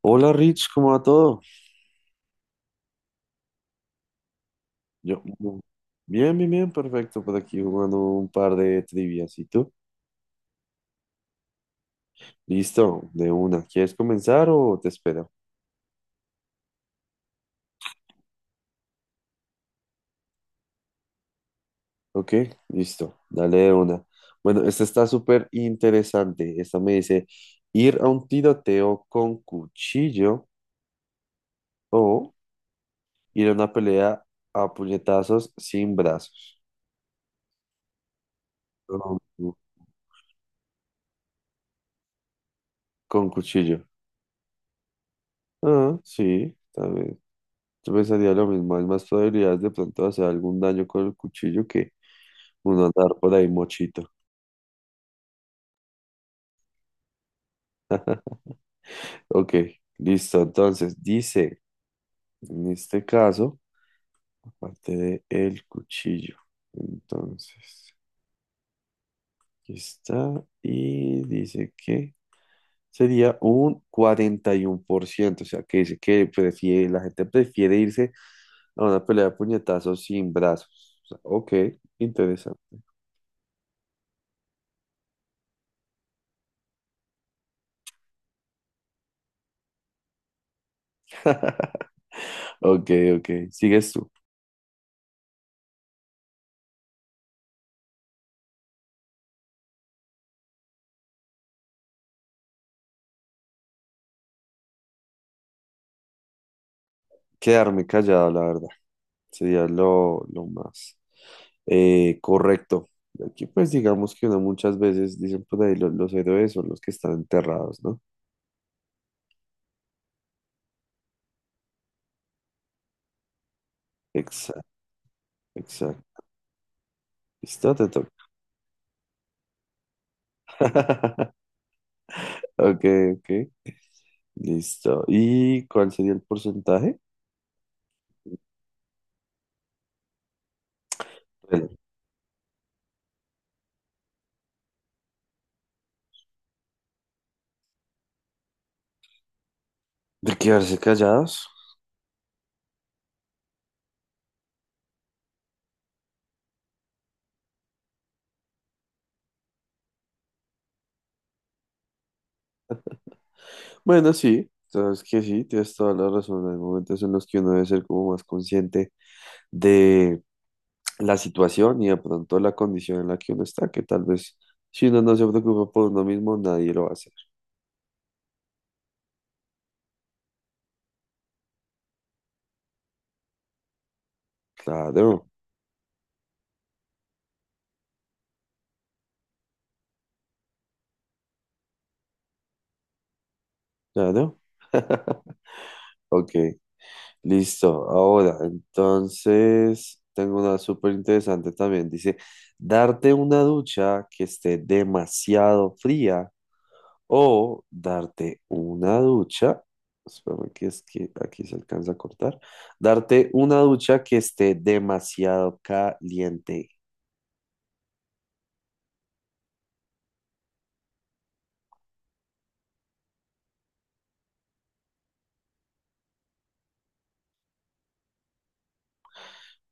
Hola Rich, ¿cómo va todo? Yo, bien, bien, bien, perfecto. Por aquí jugando un par de trivias. ¿Y tú? Listo, de una. ¿Quieres comenzar o te espero? Ok, listo, dale de una. Bueno, esta está súper interesante. Esta me dice, ir a un tiroteo con cuchillo o ir a una pelea a puñetazos sin brazos. Con, con cuchillo. Ah, sí, también. Yo pensaría lo mismo, hay más probabilidades de pronto hacer algún daño con el cuchillo que uno andar por ahí mochito. Ok, listo. Entonces, dice, en este caso, aparte del cuchillo. Entonces, aquí está. Y dice que sería un 41%. O sea, que dice que prefiere, la gente prefiere irse a una pelea de puñetazos sin brazos. O sea, ok, interesante. Ok, ok, sigues tú. Quedarme callado, la verdad. Sería lo más correcto. Aquí pues digamos que uno muchas veces dicen por ahí los héroes son los que están enterrados, ¿no? Exacto, exacto. Listo, te toca. Ok, ok. Listo. ¿Y cuál sería el porcentaje? Bueno, de quedarse callados. Bueno, sí, sabes que sí, tienes toda la razón. Hay momentos en los que uno debe ser como más consciente de la situación y de pronto la condición en la que uno está, que tal vez si uno no se preocupa por uno mismo, nadie lo va a hacer. Claro, claro. Ok, listo. Ahora, entonces, tengo una súper interesante también. Dice, darte una ducha que esté demasiado fría o darte una ducha, espérame que es que aquí se alcanza a cortar, darte una ducha que esté demasiado caliente.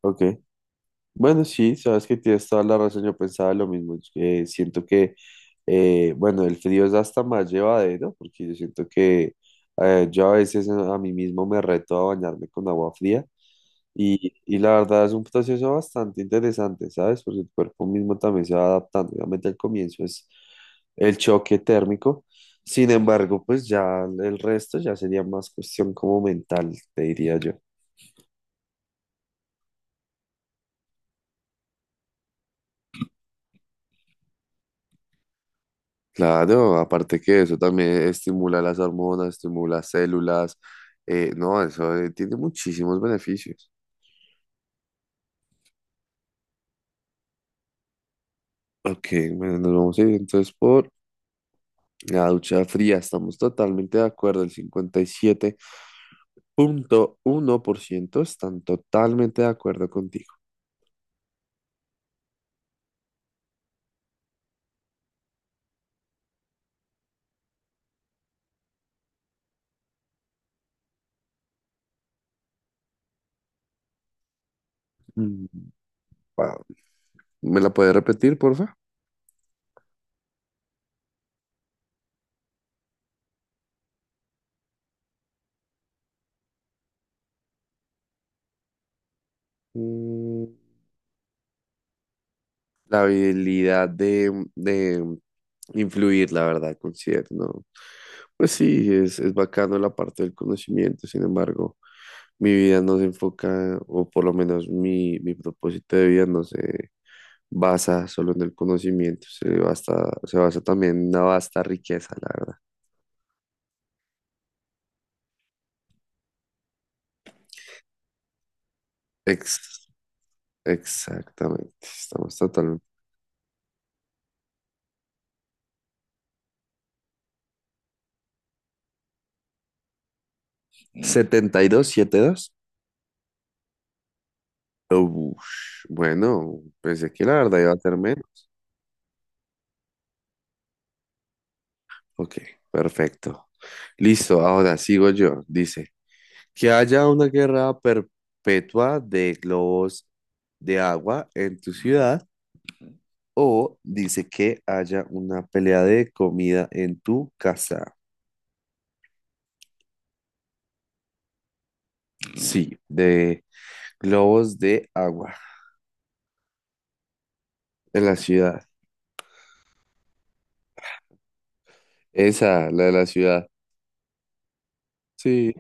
Ok. Bueno, sí, sabes que tienes toda la razón, yo pensaba lo mismo. Siento que, bueno, el frío es hasta más llevadero, porque yo siento que yo a veces a mí mismo me reto a bañarme con agua fría y la verdad es un proceso bastante interesante, ¿sabes? Porque el cuerpo mismo también se va adaptando. Obviamente al comienzo es el choque térmico, sin embargo, pues ya el resto ya sería más cuestión como mental, te diría yo. Claro, aparte que eso también estimula las hormonas, estimula células, no, eso tiene muchísimos beneficios. Ok, bueno, nos vamos a ir entonces por la ducha fría, estamos totalmente de acuerdo, el 57,1% están totalmente de acuerdo contigo. Mm, wow. ¿Me la puedes repetir, porfa? La habilidad de influir, la verdad, considero, ¿no? Pues sí, es bacano la parte del conocimiento, sin embargo, mi vida no se enfoca, o por lo menos mi propósito de vida no se basa solo en el conocimiento, se basa también en una vasta riqueza, la verdad. Ex- Exactamente, estamos totalmente. 72, 72. Ush, bueno, pensé que la verdad iba a ser menos. Ok, perfecto. Listo, ahora sigo yo. Dice, que haya una guerra perpetua de globos de agua en tu ciudad o dice que haya una pelea de comida en tu casa. Sí, de globos de agua en la ciudad. Esa, la de la ciudad. Sí,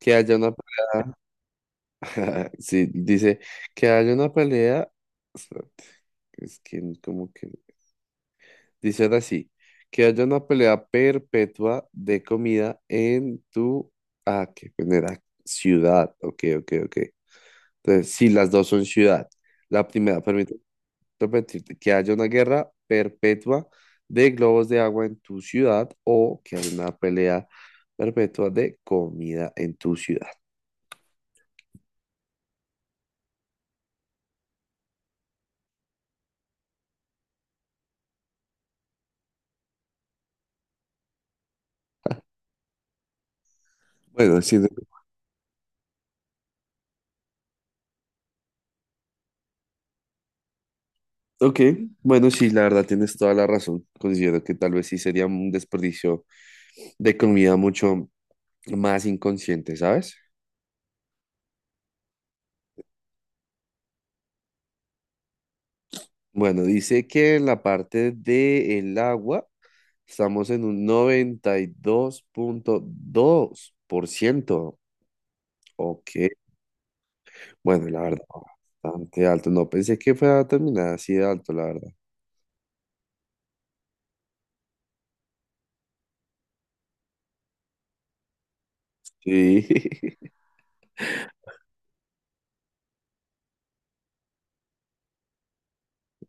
que haya una pelea. Sí, dice que haya una pelea. Espérate, es que como que dicen así, que haya una pelea perpetua de comida en tu... Ah, qué genera ciudad. Ok, ok, ok. Entonces, sí, las dos son ciudad. La primera, permíteme repetirte, que haya una guerra perpetua de globos de agua en tu ciudad o que haya una pelea perpetua de comida en tu ciudad. Bueno, sí, ok, bueno, sí, la verdad tienes toda la razón. Considero que tal vez sí sería un desperdicio de comida mucho más inconsciente, ¿sabes? Bueno, dice que en la parte del agua estamos en un noventa y dos punto dos por ciento. Ok, bueno, la verdad, bastante alto. No pensé que fuera a terminar así de alto, la verdad. Sí.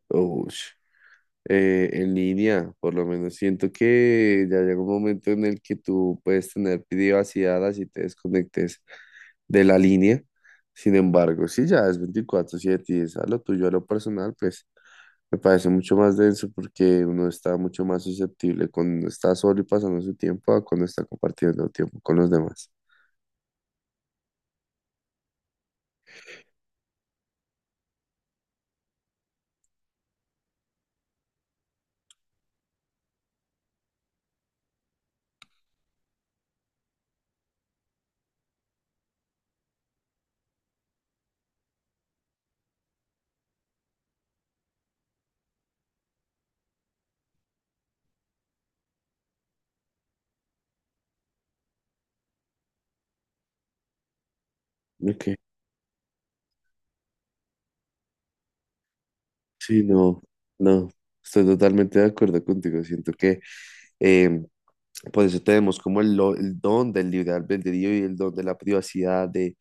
Ush. En línea, por lo menos. Siento que ya llega un momento en el que tú puedes tener privacidad así te desconectes de la línea. Sin embargo, si ya es 24/7 y es a lo tuyo, a lo personal, pues me parece mucho más denso porque uno está mucho más susceptible cuando está solo y pasando su tiempo a cuando está compartiendo tiempo con los demás. Ok, sí, no, no, estoy totalmente de acuerdo contigo. Siento que em, Por eso tenemos como el don del libre albedrío y el don de la privacidad, de,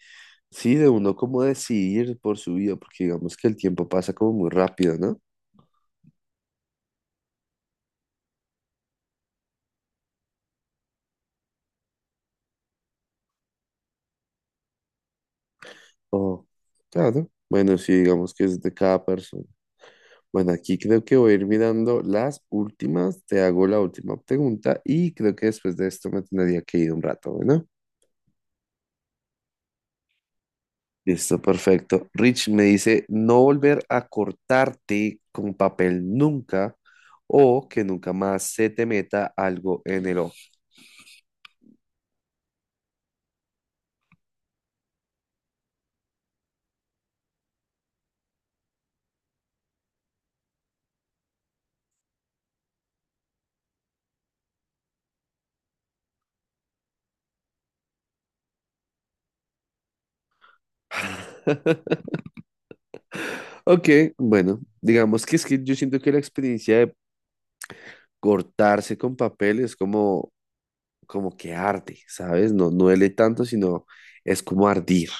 sí, de uno como decidir por su vida, porque digamos que el tiempo pasa como muy rápido, ¿no? Oh, claro. Bueno, sí, digamos que es de cada persona. Bueno, aquí creo que voy a ir mirando las últimas, te hago la última pregunta y creo que después de esto me tendría que ir un rato, ¿no? Listo, perfecto. Rich me dice no volver a cortarte con papel nunca o que nunca más se te meta algo en el ojo. Ok, bueno, digamos que es que yo siento que la experiencia de cortarse con papel es como que arde, ¿sabes? No, no duele tanto, sino es como ardir.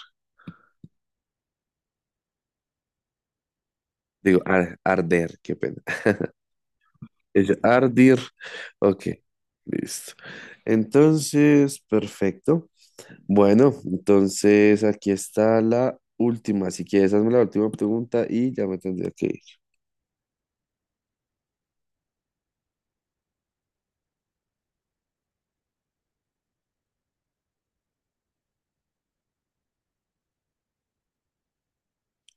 Digo, arder, qué pena. Es ardir. Ok, listo. Entonces, perfecto. Bueno, entonces aquí está la última. Si quieres, hazme la última pregunta y ya me tendría que ir.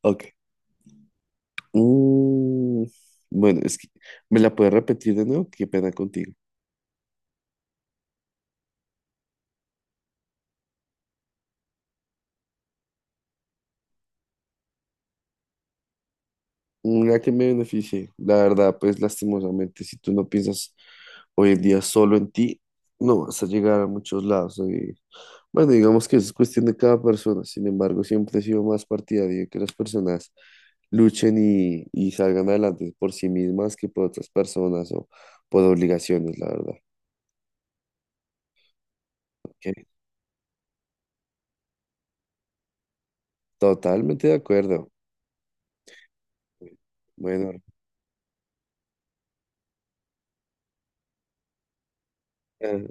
Ok. Mm, bueno, es que me la puedes repetir de nuevo. Qué pena contigo. Una que me beneficie. La verdad, pues lastimosamente, si tú no piensas hoy en día solo en ti, no vas a llegar a muchos lados. Bueno, digamos que es cuestión de cada persona, sin embargo, siempre he sido más partidario de que las personas luchen y salgan adelante por sí mismas que por otras personas o por obligaciones, la verdad. Ok, totalmente de acuerdo. Bueno, eh,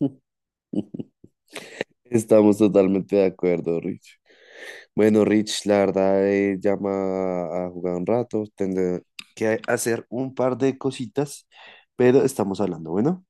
estamos totalmente de acuerdo, Rich. Bueno, Rich, la verdad, llama a jugar un rato, tendré que hacer un par de cositas, pero estamos hablando, bueno.